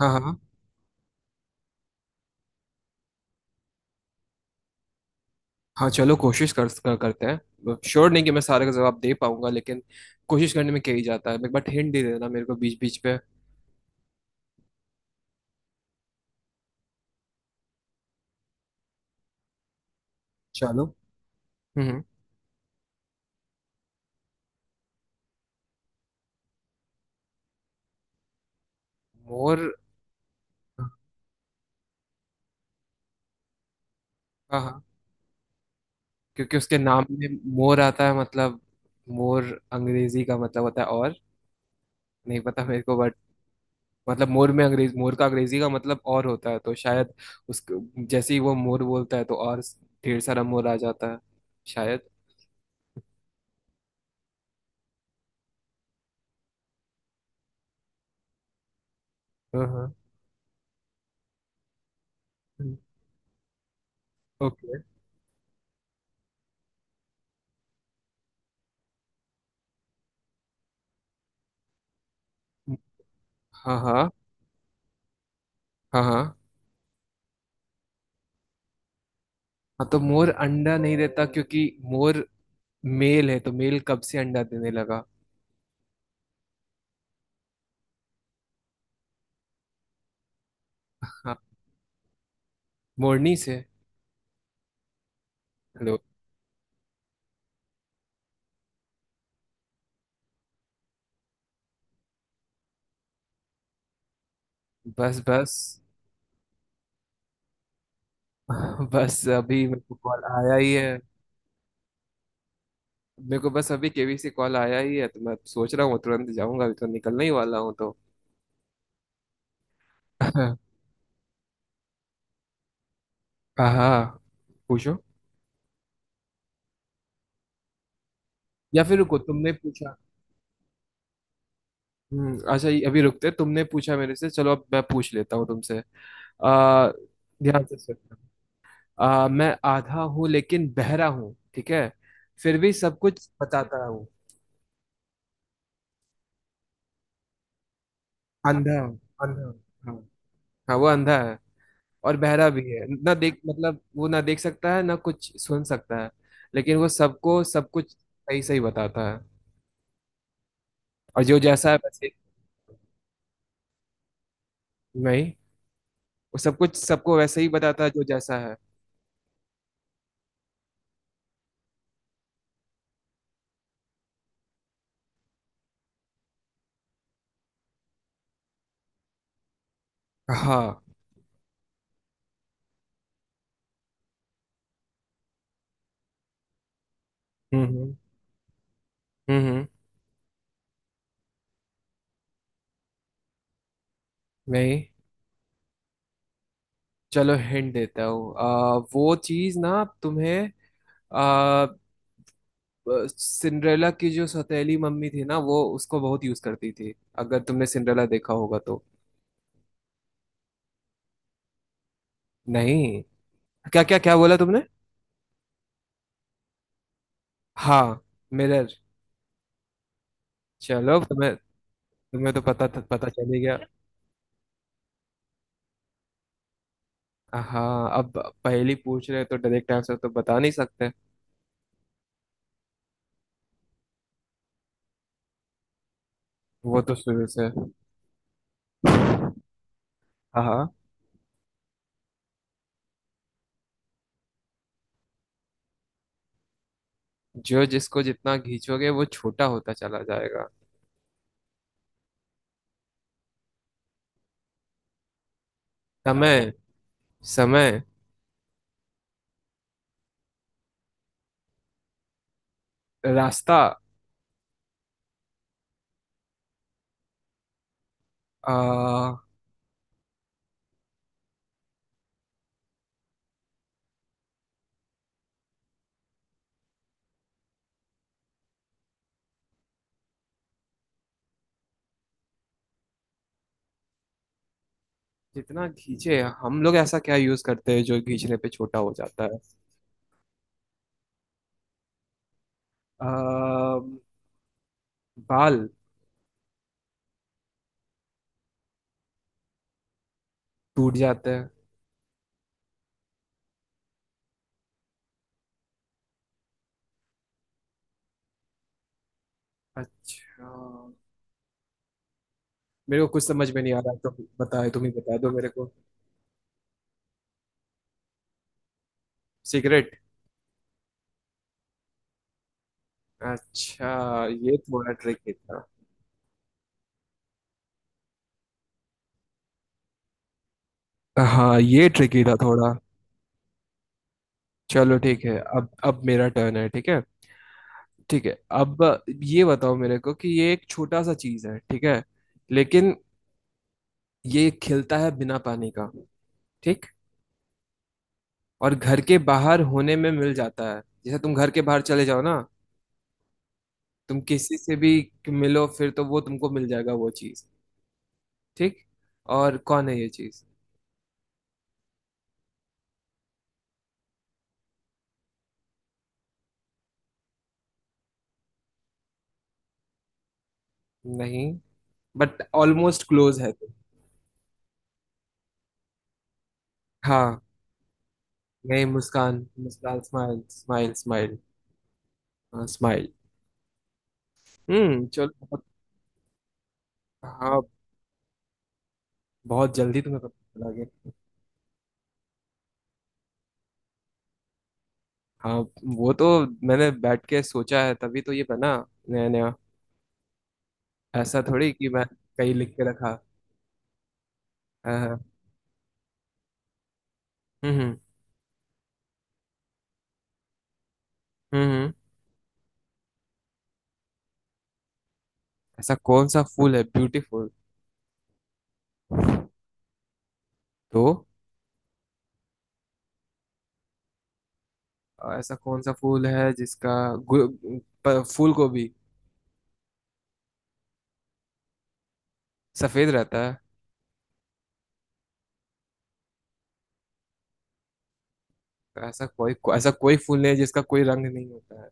हाँ हाँ हाँ। हाँ, चलो कोशिश कर, कर करते हैं। श्योर नहीं कि मैं सारे का जवाब दे पाऊंगा, लेकिन कोशिश करने में क्या ही जाता है। एक बार हिंट दे देना मेरे को बीच बीच पे। चलो। हम्म। मोर। हाँ हाँ। क्योंकि उसके नाम में मोर आता है, मतलब मोर अंग्रेजी का मतलब होता है और। नहीं पता मेरे को, बट मतलब मोर में अंग्रेज मोर का अंग्रेजी का मतलब और होता है, तो शायद उस जैसे ही वो मोर बोलता है तो और ढेर सारा मोर आ जाता है शायद। हाँ हाँ। ओके। हाँ हाँ हाँ हाँ। हाँ तो मोर अंडा नहीं देता क्योंकि मोर मेल है, तो मेल कब से अंडा देने लगा। हाँ। मोरनी से। हेलो। बस बस। बस अभी मेरे को कॉल आया ही है। मेरे को बस अभी केवी से कॉल आया ही है तो मैं सोच रहा हूँ तुरंत जाऊंगा, अभी तो निकलने ही वाला हूँ तो। हाँ। पूछो। या फिर रुको, तुमने पूछा। हम्म। अच्छा ये अभी रुकते तुमने पूछा मेरे से, चलो अब मैं पूछ लेता हूँ तुमसे। आ ध्यान से सुनना। मैं आधा हूँ लेकिन बहरा हूँ, ठीक है। फिर भी सब कुछ बताता हूँ। अंधा हूँ। अंधा हूँ। हाँ हाँ। वो अंधा है और बहरा भी है, ना देख मतलब वो ना देख सकता है ना कुछ सुन सकता है। लेकिन वो सबको सब कुछ सही सही बताता है। और जो जैसा है वैसे। नहीं, वो सब कुछ सबको वैसे ही बताता है जो जैसा है। हाँ। हम्म। हम्म। नहीं। चलो हिंट देता हूँ। वो चीज ना, तुम्हें सिंड्रेला की जो सौतेली मम्मी थी ना वो उसको बहुत यूज करती थी, अगर तुमने सिंड्रेला देखा होगा तो। नहीं। क्या क्या क्या बोला तुमने? हाँ। मिरर। चलो तुम्हें। तुम्हें तो पता पता चल ही गया। हाँ अब पहली पूछ रहे हो तो डायरेक्ट आंसर तो बता नहीं सकते। वो तो शुरू से। हाँ हाँ। जो जिसको जितना खींचोगे वो छोटा होता चला जाएगा। समय। समय। रास्ता। आ, जितना खींचे हम लोग, ऐसा क्या यूज करते हैं जो खींचने पे छोटा हो जाता है? अ, बाल। टूट जाते हैं। अच्छा। मेरे को कुछ समझ में नहीं आ रहा तो बताए, तुम ही बता दो मेरे को। सिगरेट। अच्छा। ये थोड़ा ट्रिकी था। हाँ ये ट्रिकी था थोड़ा। चलो ठीक है, अब मेरा टर्न है, ठीक है। ठीक है। अब ये बताओ मेरे को कि ये एक छोटा सा चीज है, ठीक है। लेकिन ये खिलता है बिना पानी का, ठीक। और घर के बाहर होने में मिल जाता है, जैसे तुम घर के बाहर चले जाओ ना, तुम किसी से भी मिलो फिर तो वो तुमको मिल जाएगा वो चीज, ठीक। और कौन है ये चीज? नहीं, बट ऑलमोस्ट क्लोज है तुम। हाँ। नहीं, मुस्कान। मुस्कान, स्माइल स्माइल स्माइल। हाँ, स्माइल। चलो बहुत। हाँ। बहुत जल्दी तुम्हें पता चला गया। हाँ वो तो, मैंने बैठ के सोचा है तभी तो ये बना, नया नया। ऐसा थोड़ी कि मैं कहीं लिख के रखा। हाँ, हाँ, हम्म हम्म। ऐसा कौन सा फूल है? ब्यूटीफुल? तो। ऐसा कौन सा फूल है जिसका गु- फूल को भी सफेद रहता है? तो ऐसा कोई फूल नहीं है जिसका कोई रंग नहीं होता है।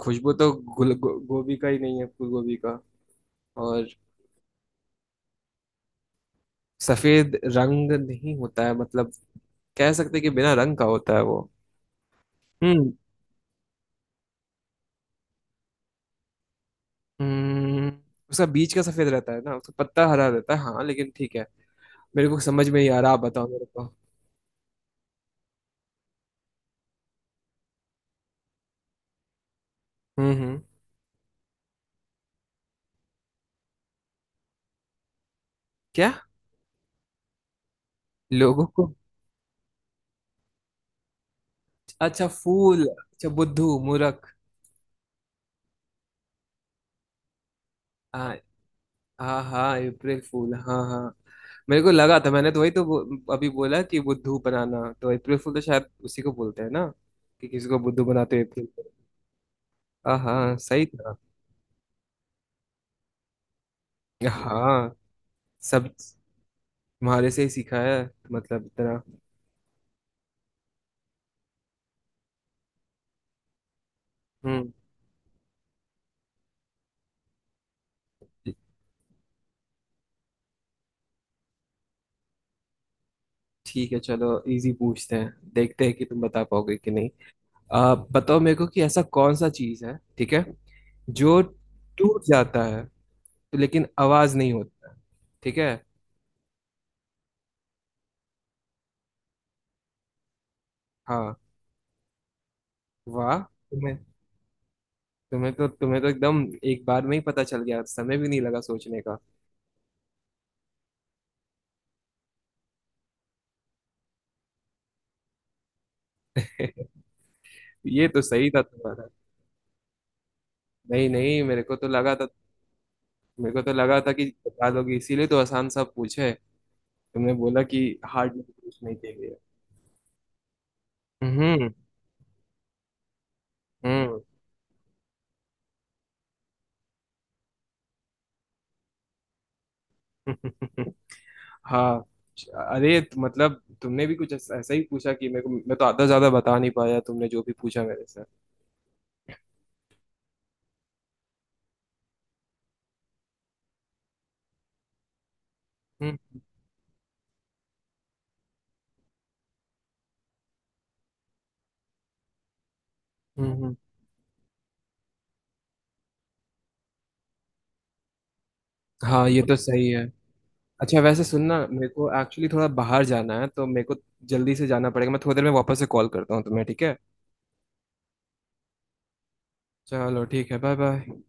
खुशबू तो गोभी का ही नहीं है, फूल गोभी का। और। सफेद रंग नहीं होता है, मतलब कह सकते हैं कि बिना रंग का होता है वो। हम्म। हम्म। उसका बीज का सफेद रहता है ना, उसका पत्ता हरा रहता है, हाँ लेकिन ठीक है। मेरे को समझ में ही आ रहा, आप बताओ मेरे को। हम्म। क्या? लोगों को? अच्छा, फूल अच्छा, बुद्धू मुरक। हाँ हाँ। हाँ अप्रैल फूल, हाँ हाँ। मेरे को लगा था, मैंने तो वही तो अभी बोला कि बुद्धू बनाना तो अप्रैल फूल तो शायद उसी को बोलते हैं ना, कि किसी को बुद्धू बनाते हैं अप्रैल फूल। हाँ हाँ सही था। हाँ। सब तुम्हारे से ही सीखा है, मतलब इतना। हम्म। ठीक है चलो, इजी पूछते हैं, देखते हैं कि तुम बता पाओगे कि नहीं। आप बताओ मेरे को कि ऐसा कौन सा चीज है, ठीक है। जो टूट जाता है तो, लेकिन आवाज नहीं होता है, ठीक है। हाँ। वाह तुम्हें। तुम्हें तो एकदम एक बार में ही पता चल गया, समय भी नहीं लगा सोचने का। ये तो सही था तुम्हारा। नहीं नहीं, मेरे को तो लगा था कि बता दोगे, इसीलिए तो आसान सा पूछे। तुमने बोला कि हार्ड नहीं पूछने के लिए। हम्म हम्म। हाँ। अरे मतलब तुमने भी कुछ ऐसा ऐसा ही पूछा कि मेरे को, मैं तो आधा ज्यादा बता नहीं पाया, तुमने जो भी पूछा मेरे से। हम्म हम्म हम्म। हाँ ये तो सही है। अच्छा वैसे सुनना, मेरे को एक्चुअली थोड़ा बाहर जाना है तो मेरे को जल्दी से जाना पड़ेगा, मैं थोड़ी देर में वापस से कॉल करता हूँ तुम्हें, ठीक है। चलो ठीक है, बाय बाय।